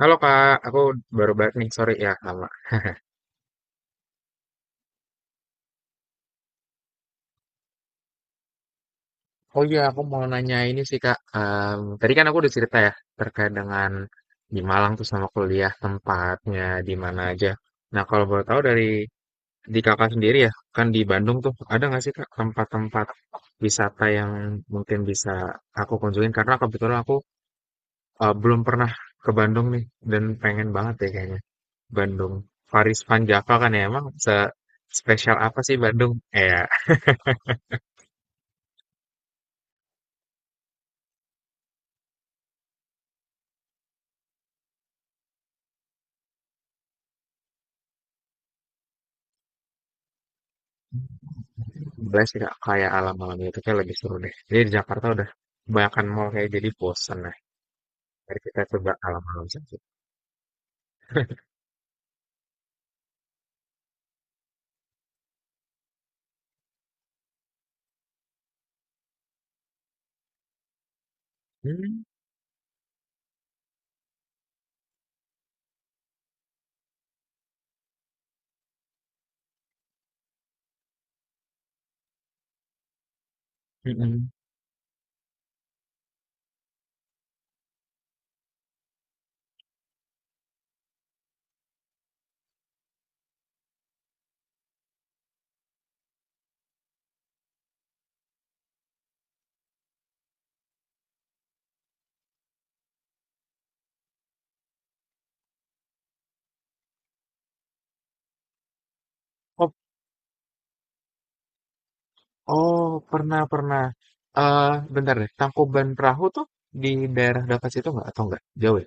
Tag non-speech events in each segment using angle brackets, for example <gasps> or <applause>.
Halo Kak, aku baru balik nih, sorry ya lama. Oh iya, aku mau nanya ini sih Kak. Tadi kan aku udah cerita ya terkait dengan di Malang tuh sama kuliah tempatnya di mana aja. Nah kalau boleh tahu dari Kakak sendiri ya, kan di Bandung tuh ada nggak sih Kak tempat-tempat wisata yang mungkin bisa aku kunjungin? Karena kebetulan aku belum pernah ke Bandung nih dan pengen banget deh kayaknya. Bandung, Paris Van Java kan ya emang spesial apa sih Bandung? Eh, ya, boleh sih Kak, kayak alam-alam itu kayak lebih seru deh. Jadi di Jakarta udah kebanyakan mall kayak jadi bosen lah. Mari kita coba alam-alam saja. Hmm, mm-mm. Oh, oh, pernah pernah. Eh, bentar deh. Tangkuban Perahu tuh di daerah dekat situ nggak atau nggak jauh ya?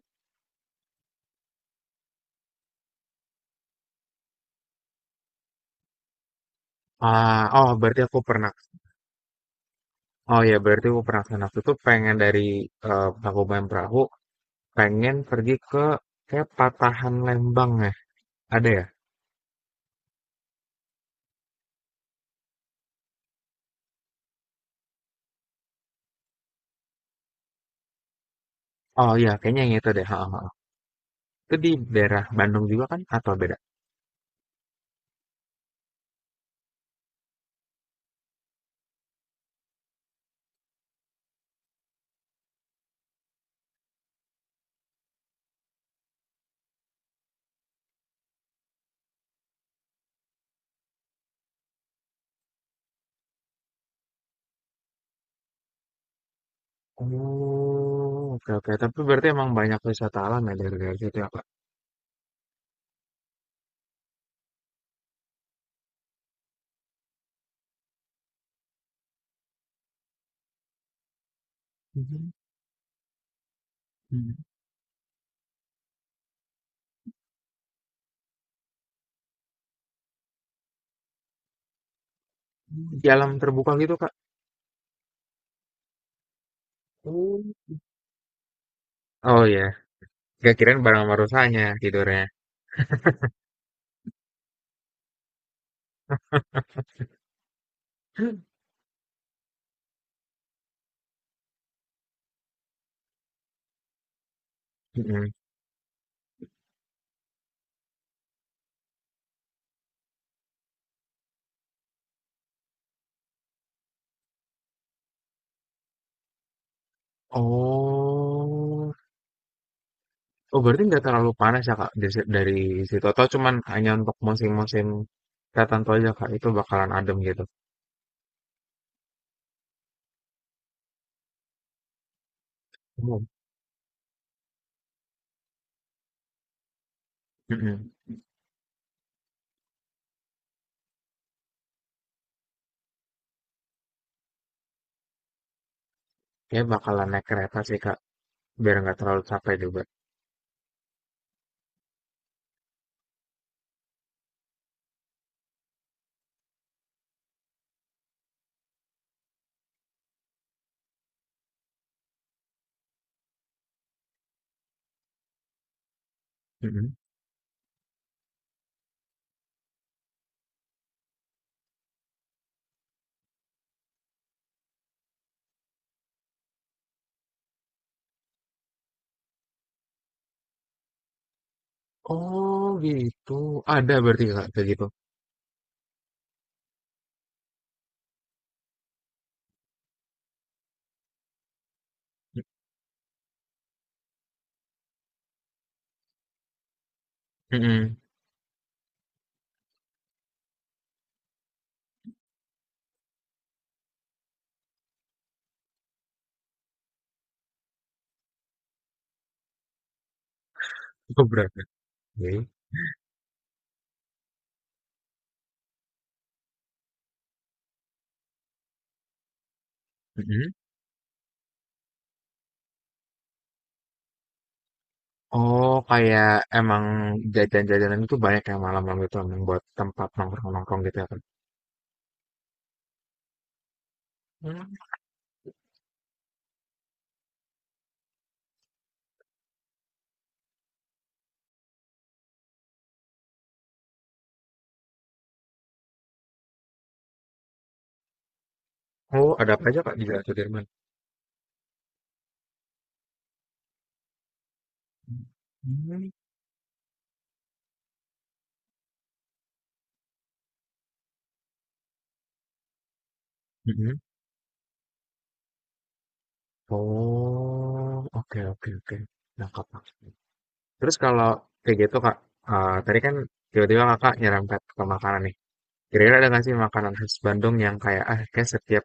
Ah, oh berarti aku pernah. Oh ya berarti aku pernah kesana waktu itu pengen dari Tangkuban Perahu pengen pergi ke kayak Patahan Lembang ya. Ada ya? Oh iya kayaknya yang itu deh. Ha, ha, ha. Itu di daerah Bandung juga kan atau beda? Oh, oke oke. Tapi berarti emang banyak wisata alam ya dari situ ya, Kak? Mhm, mhm. Di alam terbuka gitu, Kak? Oh. Oh ya, nggak kirain bareng sama rusanya tidurnya. <gasps> Mhm. Oh. Oh, berarti nggak terlalu panas ya, Kak, di dari situ atau cuman hanya untuk musim-musim tertentu aja, Kak, itu bakalan adem gitu? Oh, mhm. Kayaknya bakalan naik kereta sih, Kak, biar nggak terlalu capek juga. Mhm. Oh, gitu. Ada berarti, Kak, kayak gitu? Mhm. Geprek, oke. Mhm. Oh, kayak emang jajan-jajanan itu banyak yang malam-malam itu emang buat tempat nongkrong-nongkrong gitu ya, Kak? Hmm. Oh, ada apa aja, Kak, di Jalan Sudirman? Mhm. Mhm. Oh, oke oke oke. Nangkap, nangkap. Terus kalau kayak gitu, Kak, tadi kan tiba-tiba Kakak nyerempet ke makanan nih. Kira-kira ada nggak sih makanan khas Bandung yang kayak, ah, kayak setiap,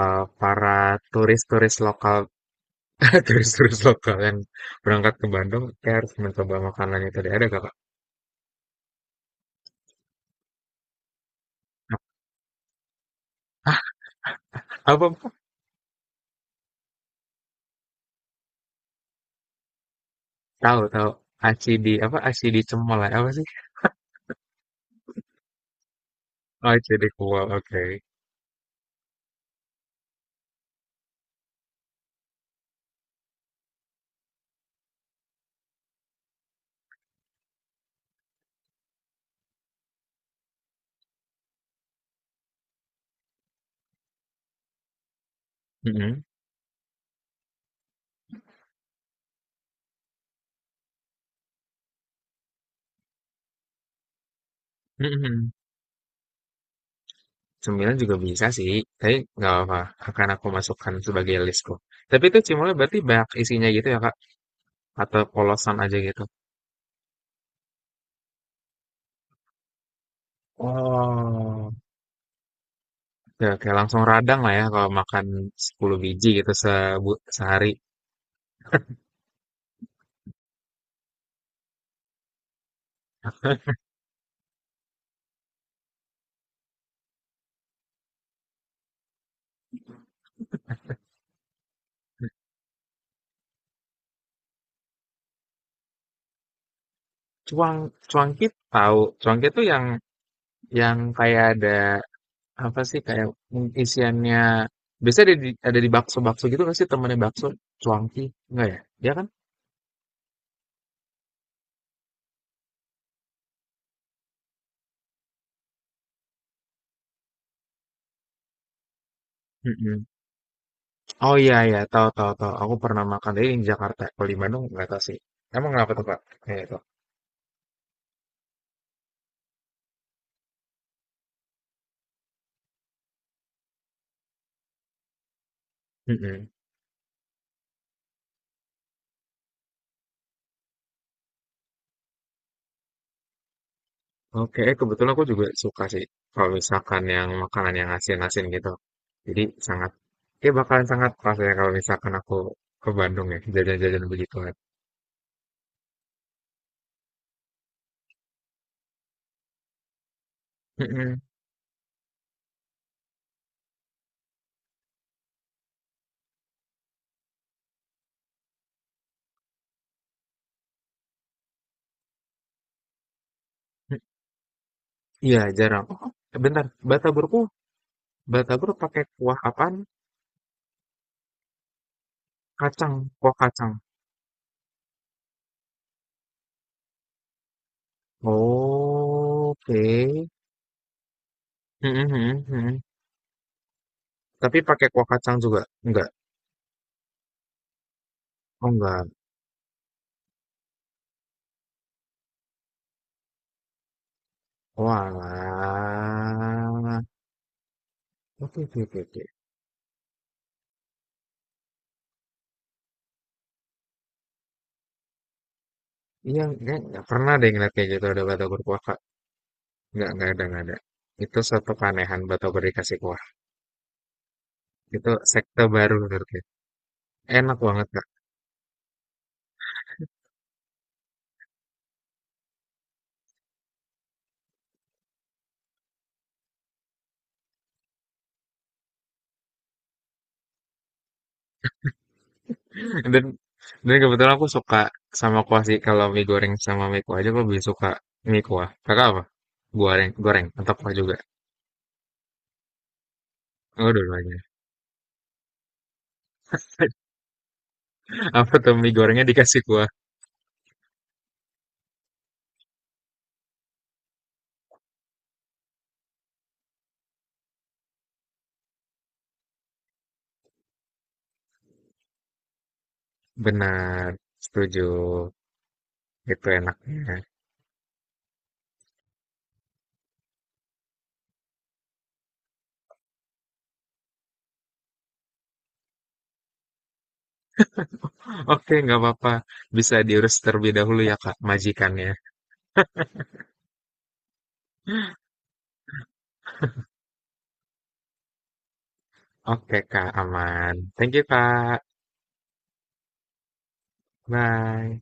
para turis-turis lokal <laughs> turis-turis lokal bakalan berangkat ke Bandung, saya harus mencoba makanan itu deh. Ada nggak, Kak? Nah, apa, tahu, tahu. Aci di apa? Aci di cemol ya? Apa sih? Oh, aci di kuah. Oke. Mhm. Mhm. Cemilan juga bisa sih, tapi nggak apa-apa. Akan aku masukkan sebagai listku. Tapi itu cemolnya berarti banyak isinya gitu ya, Kak? Atau polosan aja gitu? Oh, ya kayak langsung radang lah ya kalau makan 10 biji gitu sehari. Cuang cuangkit tahu. Cuangkit tuh yang kayak ada, apa sih, kayak, isiannya biasanya ada di bakso-bakso gitu nggak sih temennya bakso? Cuangki? Nggak ya? Dia kan? Mhm. Oh, iya iya, tahu tahu tahu, aku pernah makan tapi di Jakarta, kalau di Bandung nggak tahu sih. Emang kenapa tuh, Kak, kayak itu? Mhm. Oke, eh, kebetulan aku juga suka sih kalau misalkan yang makanan yang asin-asin gitu. Jadi sangat ya bakalan sangat pas ya kalau misalkan aku ke Bandung ya, jajan-jajan begituan. Mhm, mhm. Iya, jarang. Oh, bentar, Bata Burung Batagor pakai kuah apaan? Kacang, kuah kacang. Oh, oke. Mhm mhm mhm. Tapi pakai kuah kacang juga? Enggak? Oh, enggak. Walah. Oke, oke, oke, oke. Iya, enggak pernah deh ngeliat kayak gitu ada batagor kuah, Kak. Enggak ada, enggak ada. Itu suatu keanehan batagor dikasih kuah. Itu sekte baru menurut gue. Enak banget, Dan dan kebetulan aku suka sama kuah sih. Kalau mie goreng sama mie kuah aja aku lebih suka mie kuah. Kakak apa? Goreng, goreng atau kuah juga? Oh, dua-duanya. <laughs> Apa tuh mie gorengnya dikasih kuah? Benar, setuju. Itu enaknya. Oke, nggak apa-apa. Bisa diurus terlebih dahulu ya, Kak, majikannya. Oke, Kak, aman. Thank you, Kak. Bye.